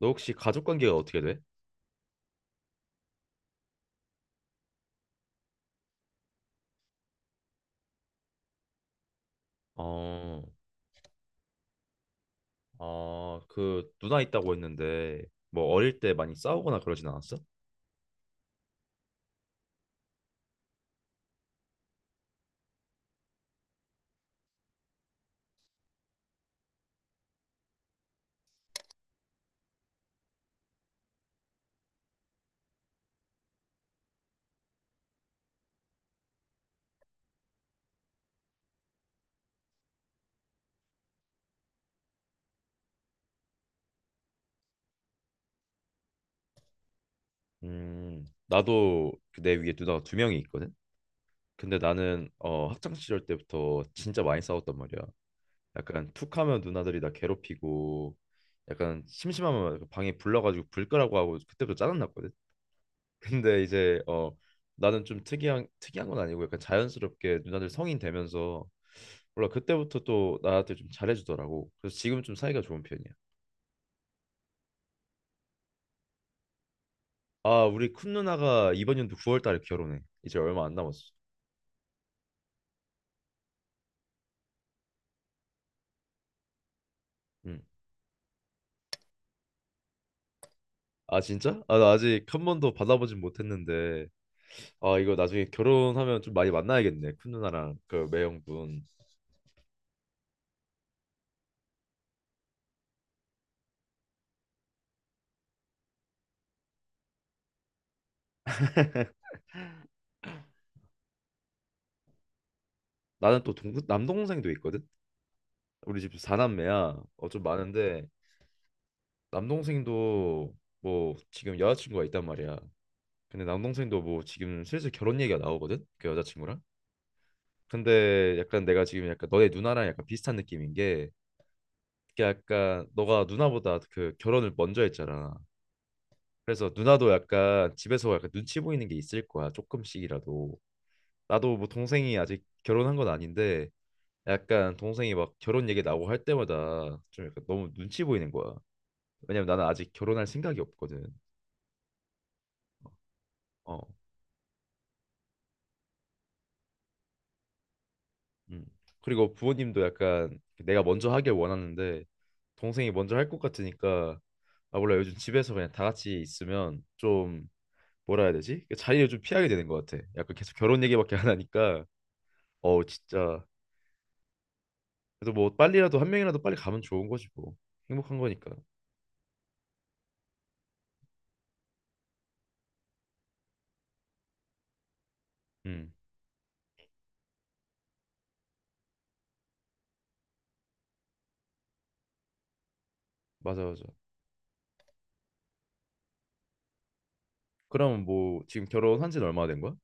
너 혹시 가족 관계가 어떻게 돼? 어, 아, 그 누나 있다고 했는데 뭐 어릴 때 많이 싸우거나 그러진 않았어? 나도 그내 위에 누나가 두 명이 있거든. 근데 나는 학창 시절 때부터 진짜 많이 싸웠단 말이야. 약간 툭하면 누나들이 나 괴롭히고 약간 심심하면 방에 불러가지고 불 끄라고 하고 그때부터 짜증 났거든. 근데 이제 나는 좀 특이한 건 아니고 약간 자연스럽게 누나들 성인 되면서 몰라 그때부터 또 나한테 좀 잘해주더라고. 그래서 지금 좀 사이가 좋은 편이야. 아 우리 큰 누나가 이번 연도 9월 달에 결혼해. 이제 얼마 안 남았어. 응. 아 진짜? 아 나 아직 한 번도 받아보진 못했는데 아 이거 나중에 결혼하면 좀 많이 만나야겠네. 큰 누나랑 그 매형분. 나는 또 남동생도 있거든. 우리 집 4남매야. 어 좀 많은데 남동생도 뭐 지금 여자친구가 있단 말이야. 근데 남동생도 뭐 지금 슬슬 결혼 얘기가 나오거든 그 여자친구랑. 근데 약간 내가 지금 약간 너네 누나랑 약간 비슷한 느낌인 게, 그게 약간 너가 누나보다 그 결혼을 먼저 했잖아. 그래서 누나도 약간 집에서 약간 눈치 보이는 게 있을 거야, 조금씩이라도. 나도 뭐 동생이 아직 결혼한 건 아닌데 약간 동생이 막 결혼 얘기 나오고 할 때마다 좀 약간 너무 눈치 보이는 거야. 왜냐면 나는 아직 결혼할 생각이 없거든. 어 음. 그리고 부모님도 약간 내가 먼저 하길 원하는데 동생이 먼저 할 것 같으니까, 아 몰라 요즘 집에서 그냥 다 같이 있으면 좀, 뭐라 해야 되지? 그 자리를 좀 피하게 되는 것 같아. 약간 계속 결혼 얘기밖에 안 하니까. 어 진짜 그래도 뭐 빨리라도 한 명이라도 빨리 가면 좋은 거지 뭐, 행복한 거니까. 음 맞아 맞아. 그럼 뭐 지금 결혼한 지는 얼마 된 거야?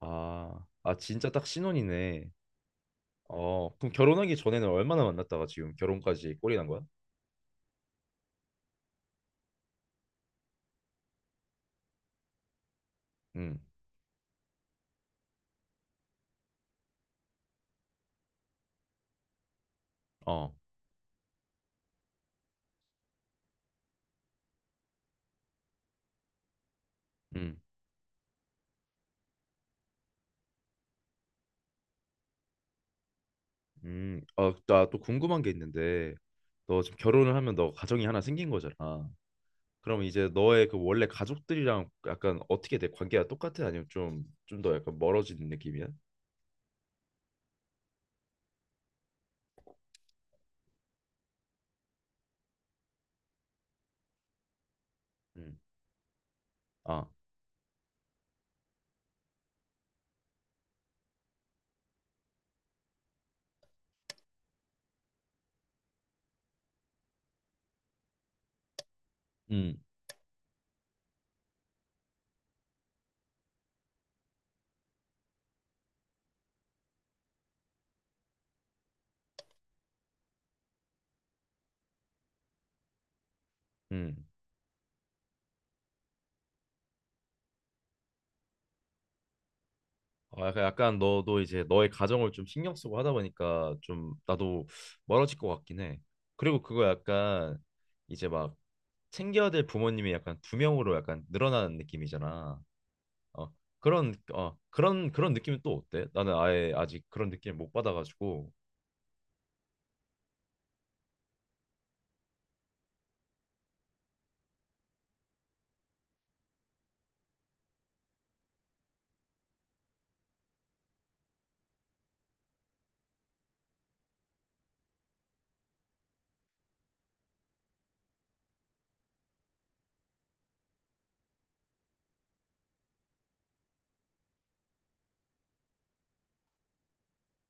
아, 아 진짜 딱 신혼이네. 어 그럼 결혼하기 전에는 얼마나 만났다가 지금 결혼까지 꼬리 난 거야? 음. 어. 음. 아, 나 또 궁금한 게 있는데, 너 지금 결혼을 하면 너 가정이 하나 생긴 거잖아. 그럼 이제 너의 그 원래 가족들이랑 약간 어떻게 돼? 관계가 똑같아? 아니면 좀, 좀 더 약간 멀어지는 느낌이야? 음. 아, 음, 음. 어, 약간, 약간 너도 이제 너의 가정을 좀 신경 쓰고 하다 보니까 좀 나도 멀어질 것 같긴 해. 그리고 그거 약간 이제 막 챙겨야 될 부모님이 약간 두 명으로 약간 늘어나는 느낌이잖아. 어, 그런 느낌은 또 어때? 나는 아예 아직 그런 느낌 못 받아가지고.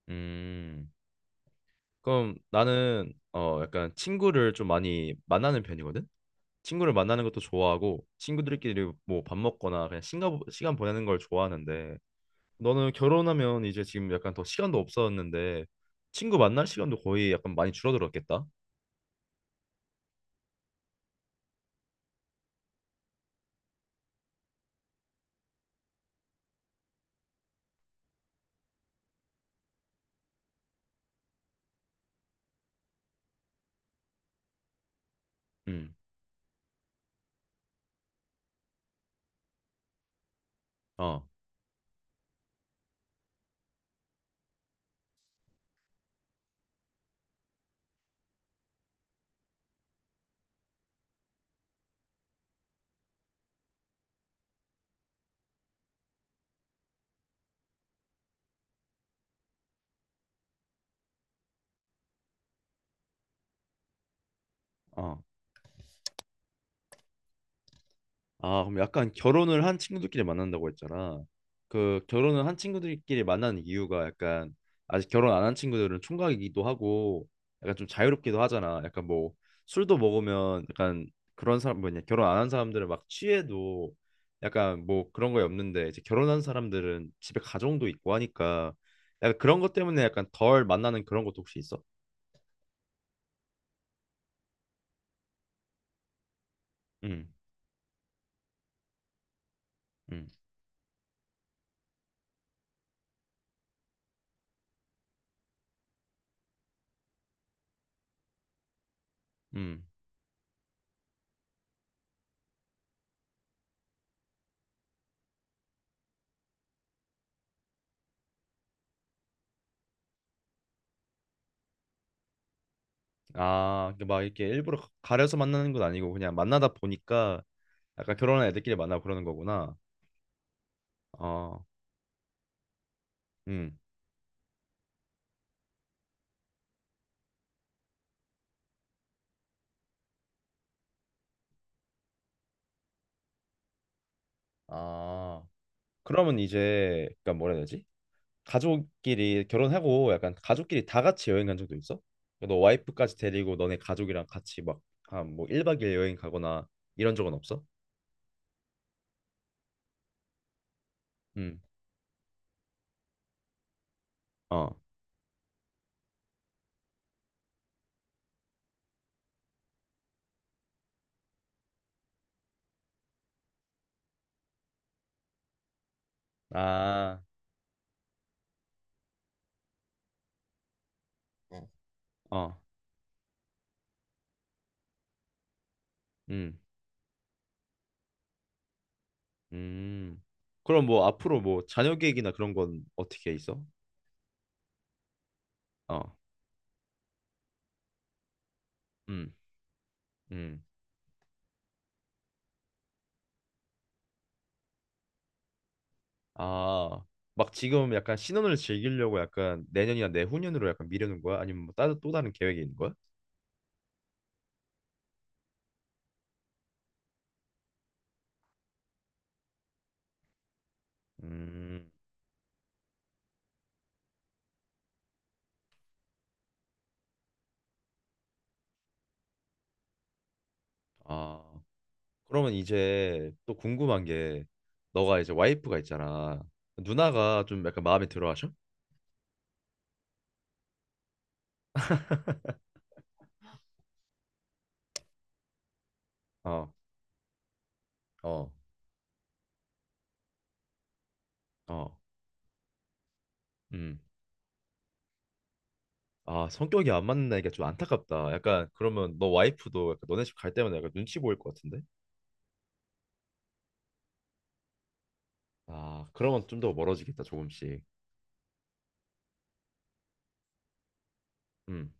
음. 그럼 나는 약간 친구를 좀 많이 만나는 편이거든. 친구를 만나는 것도 좋아하고 친구들끼리 뭐 밥 먹거나 그냥 시간 보내는 걸 좋아하는데 너는 결혼하면 이제 지금 약간 더 시간도 없었는데 친구 만날 시간도 거의 약간 많이 줄어들었겠다. 음. 어. 어. 아, 그럼 약간 결혼을 한 친구들끼리 만난다고 했잖아. 그 결혼을 한 친구들끼리 만나는 이유가 약간 아직 결혼 안 한 친구들은 총각이기도 하고 약간 좀 자유롭기도 하잖아. 약간 뭐 술도 먹으면 약간 그런 사람 뭐냐 결혼 안 한 사람들은 막 취해도 약간 뭐 그런 거에 없는데 이제 결혼한 사람들은 집에 가정도 있고 하니까 약간 그런 것 때문에 약간 덜 만나는 그런 것도 혹시 있어? 음, 음, 음. 아, 그러니까 막 이렇게 일부러 가려서 만나는 건 아니고 그냥 만나다 보니까 약간 결혼한 애들끼리 만나고 그러는 거구나. 어, 음. 아, 그러면 이제, 그니까 뭐라 해야 되지? 가족끼리 결혼하고 약간 가족끼리 다 같이 여행 간 적도 있어? 너 와이프까지 데리고 너네 가족이랑 같이 막, 한뭐 1박 2일 여행 가거나 이런 적은 없어? 음, 어. 아, 어. 어, 음, 음. 그럼 뭐 앞으로 뭐 자녀 계획이나 그런 건 어떻게 있어? 어, 음, 음. 아, 막 지금 약간 신혼을 즐기려고 약간 내년이나 내후년으로 약간 미루는 거야? 아니면 뭐 따로 또 다른 계획이 있는 거야? 음, 아, 그러면 이제 또 궁금한 게 너가 이제 와이프가 있잖아. 누나가 좀 약간 마음에 들어 하셔? 어, 어, 어, 음. 아, 성격이 안 맞는 애가 좀 안타깝다. 약간 그러면 너 와이프도 약간 너네 집 갈 때마다 약간 눈치 보일 것 같은데? 아, 그러면 좀 더 멀어지겠다, 조금씩. 음.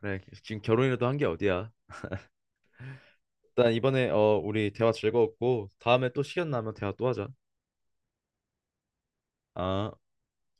그래, 지금 결혼이라도 한 게 어디야? 일단 이번에 어 우리 대화 즐거웠고 다음에 또 시간 나면 대화 또 하자. 아.